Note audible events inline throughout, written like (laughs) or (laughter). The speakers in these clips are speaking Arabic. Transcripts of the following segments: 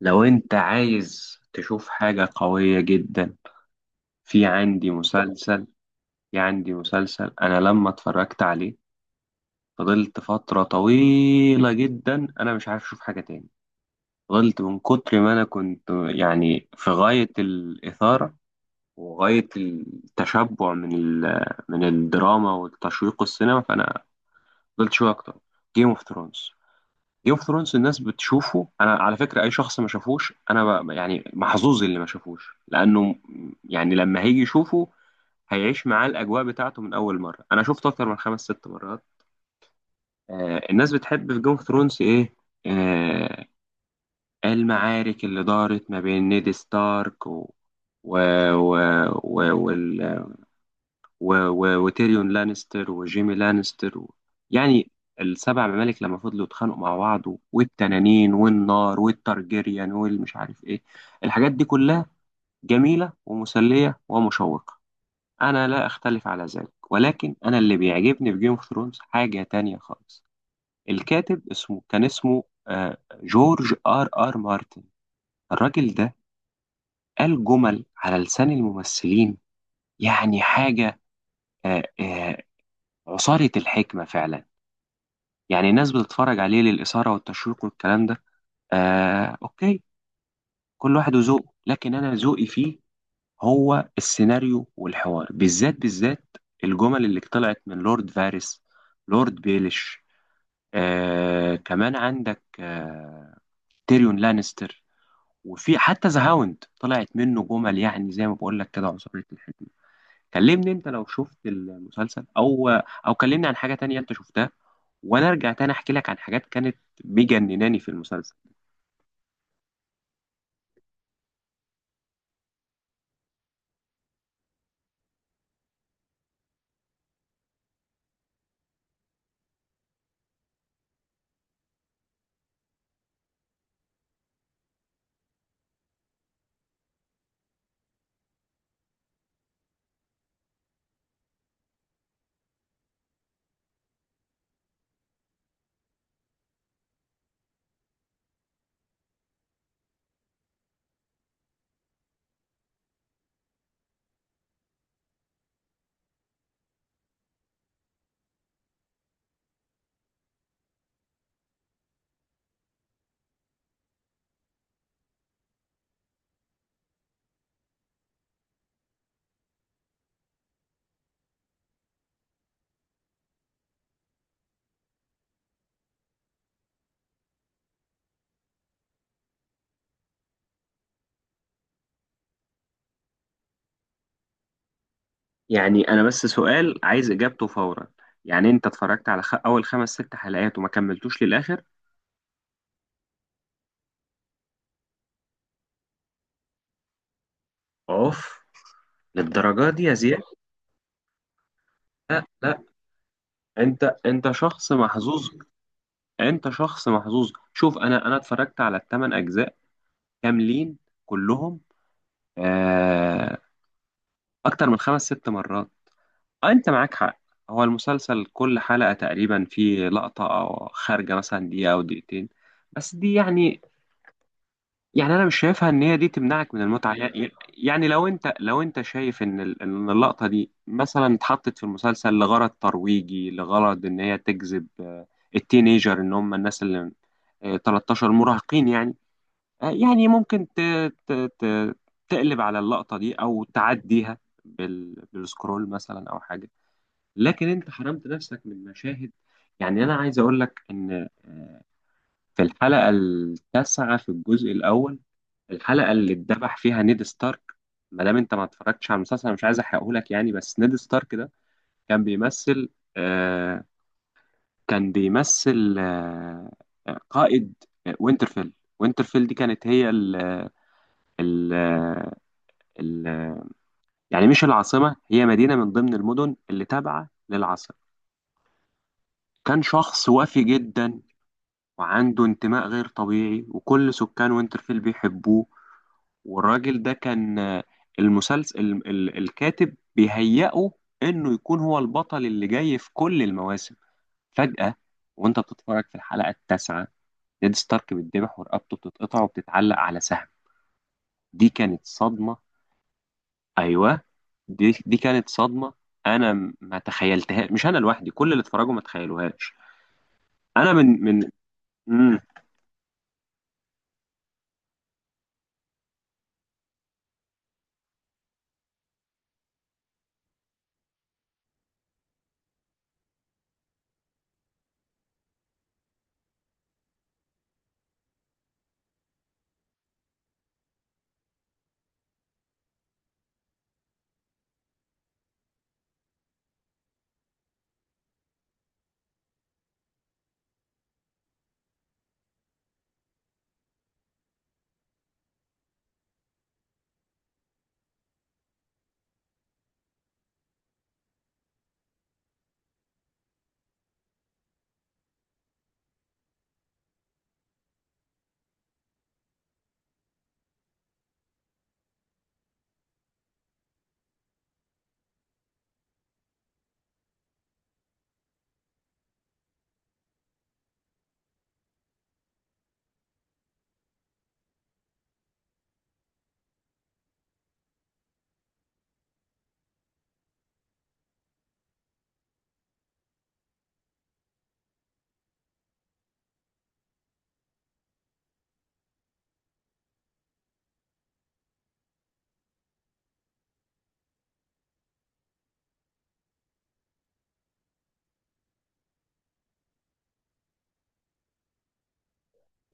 لو انت عايز تشوف حاجة قوية جدا، في عندي مسلسل في عندي مسلسل انا لما اتفرجت عليه فضلت فترة طويلة جدا انا مش عارف اشوف حاجة تاني. فضلت من كتر ما انا كنت يعني في غاية الإثارة وغاية التشبع من الدراما والتشويق السينما، فانا فضلت شوية اكتر. جيم اوف ثرونز. جيم اوف ثرونز الناس بتشوفه، انا على فكره اي شخص ما شافوش، انا يعني محظوظ اللي ما شافوش، لانه يعني لما هيجي يشوفه هيعيش معاه الاجواء بتاعته. من اول مره انا شفته اكتر من خمس ست مرات. الناس بتحب في جيم اوف ثرونز ايه؟ آه المعارك اللي دارت ما بين نيد ستارك و... و... و... و... وال... و... و... وتيريون لانستر وجيمي لانستر يعني السبع ممالك لما فضلوا يتخانقوا مع بعض، والتنانين والنار والترجيريان والمش عارف ايه، الحاجات دي كلها جميلة ومسلية ومشوقة. انا لا اختلف على ذلك، ولكن انا اللي بيعجبني في جيم اوف ثرونز حاجة تانية خالص. الكاتب اسمه جورج ار ار مارتن. الراجل ده قال جمل على لسان الممثلين، يعني حاجة، آه، آه، عصارة الحكمة فعلا. يعني الناس بتتفرج عليه للإثارة والتشويق والكلام ده، أوكي، كل واحد وذوقه، لكن أنا ذوقي فيه هو السيناريو والحوار بالذات بالذات. الجمل اللي طلعت من لورد فارس، لورد بيليش، كمان عندك تيريون لانستر، وفي حتى ذا هاوند طلعت منه جمل، يعني زي ما بقول لك كده عصارة الحكمة. كلمني انت لو شفت المسلسل، او كلمني عن حاجة تانية انت شفتها، وانا ارجع تاني احكي لك عن حاجات كانت مجنناني في المسلسل. يعني انا بس سؤال عايز اجابته فورا، يعني انت اتفرجت على اول خمس ست حلقات وما كملتوش للاخر؟ اوف، للدرجه دي يا زياد؟ لا لا، انت شخص محظوظ. انت شخص محظوظ. شوف، انا اتفرجت على الثمان اجزاء كاملين كلهم، آه... اكتر من خمس ست مرات. آه، انت معاك حق. هو المسلسل كل حلقه تقريبا فيه لقطه او خارجه مثلا دقيقه او دقيقتين، بس دي يعني، انا مش شايفها ان هي دي تمنعك من المتعه. يعني لو انت، شايف ان اللقطه دي مثلا اتحطت في المسلسل لغرض ترويجي، لغرض ان هي تجذب، التينيجر، ان هم الناس اللي 13 مراهقين يعني، يعني ممكن ت... ت... تقلب على اللقطه دي او تعديها بالسكرول مثلا او حاجه. لكن انت حرمت نفسك من مشاهد. يعني انا عايز اقول لك ان في الحلقة التاسعة في الجزء الأول، الحلقة اللي اتذبح فيها نيد ستارك. ما دام أنت ما اتفرجتش على المسلسل أنا مش عايز أحرقهولك يعني، بس نيد ستارك ده كان بيمثل آه كان بيمثل قائد وينترفيل. وينترفيل دي كانت هي ال ال ال يعني مش العاصمة، هي مدينة من ضمن المدن اللي تابعة للعاصمة. كان شخص وافي جدا وعنده انتماء غير طبيعي وكل سكان وينترفيل بيحبوه، والراجل ده كان المسلسل، الكاتب بيهيئه انه يكون هو البطل اللي جاي في كل المواسم. فجأة، وانت بتتفرج في الحلقة التاسعة، نيد ستارك بيتذبح ورقبته بتتقطع وبتتعلق على سهم. دي كانت صدمة. ايوه، دي كانت صدمة. انا ما تخيلتها، مش انا لوحدي، كل اللي اتفرجوا ما تخيلوهاش. انا من مم.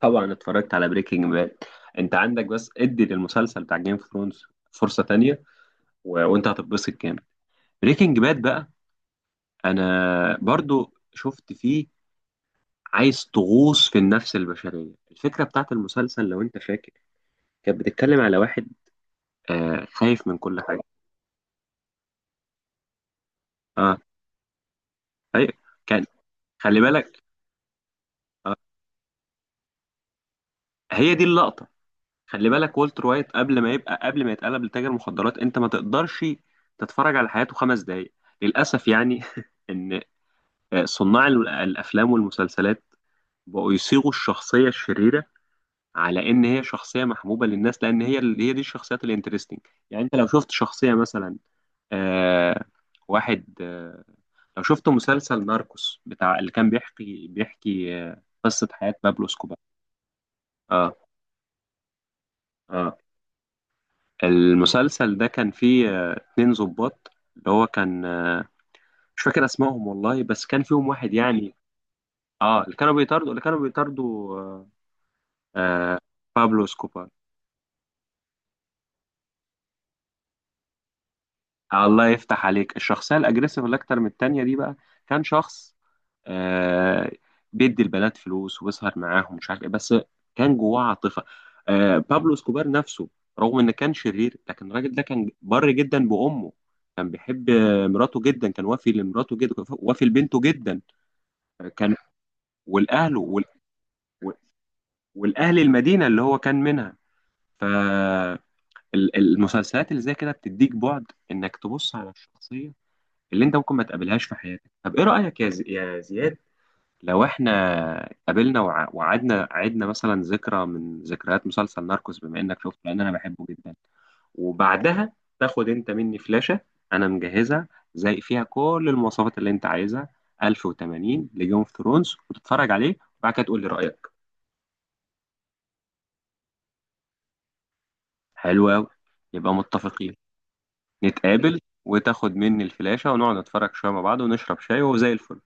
طبعا اتفرجت على بريكنج باد. انت عندك بس ادي للمسلسل بتاع جيم اوف ثرونز فرصة تانية وانت هتتبسط جامد. بريكنج باد بقى، انا برضو شفت فيه، عايز تغوص في النفس البشريه. الفكره بتاعت المسلسل لو انت فاكر كانت بتتكلم على واحد خايف من كل حاجه. اه، هي كان خلي بالك. آه هي دي اللقطه. خلي بالك، والتر وايت قبل ما يتقلب لتاجر مخدرات، انت ما تقدرش تتفرج على حياته 5 دقايق. للاسف يعني (laughs) ان صناع الافلام والمسلسلات بقوا يصيغوا الشخصيه الشريره على ان هي شخصيه محبوبه للناس، لان هي هي دي الشخصيات الانترستنج. يعني انت لو شفت شخصيه مثلا، آه واحد، لو شفت مسلسل ناركوس بتاع، اللي كان بيحكي قصه حياه بابلو اسكوبار. اه، اه، المسلسل ده كان فيه اتنين ضباط، اللي هو كان مش فاكر اسمائهم والله، بس كان فيهم واحد يعني. اه، اللي كانوا بيطاردوا آه بابلو اسكوبار. الله يفتح عليك، الشخصيه الاجريسيف اللي اكتر من التانيه دي بقى كان شخص آه بيدي البنات فلوس وبيسهر معاهم مش عارف ايه، بس كان جواه عاطفه. بابلو اسكوبار نفسه، رغم انه كان شرير، لكن الراجل ده كان بر جدا بامه، كان بيحب مراته جدا، كان وافي لمراته جدا، وافي لبنته جدا. كان والاهله وال- والاهل المدينه اللي هو كان منها. فالمسلسلات اللي زي كده بتديك بعد انك تبص على الشخصيه اللي انت ممكن ما تقابلهاش في حياتك. طب ايه رايك يا يا زياد، لو احنا قابلنا وع- وقعدنا عدنا مثلا ذكرى من ذكريات مسلسل ناركوس، بما انك شفته لان انا بحبه جدا، وبعدها تاخد انت مني فلاشة انا مجهزها، زي فيها كل المواصفات اللي انت عايزها، 1080 لجيم اوف ثرونز، وتتفرج عليه وبعد كده تقول لي رأيك. حلو قوي، يبقى متفقين. نتقابل وتاخد مني الفلاشة ونقعد نتفرج شوية مع بعض ونشرب شاي وزي الفل.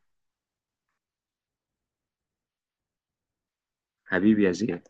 حبيبي يا زياد.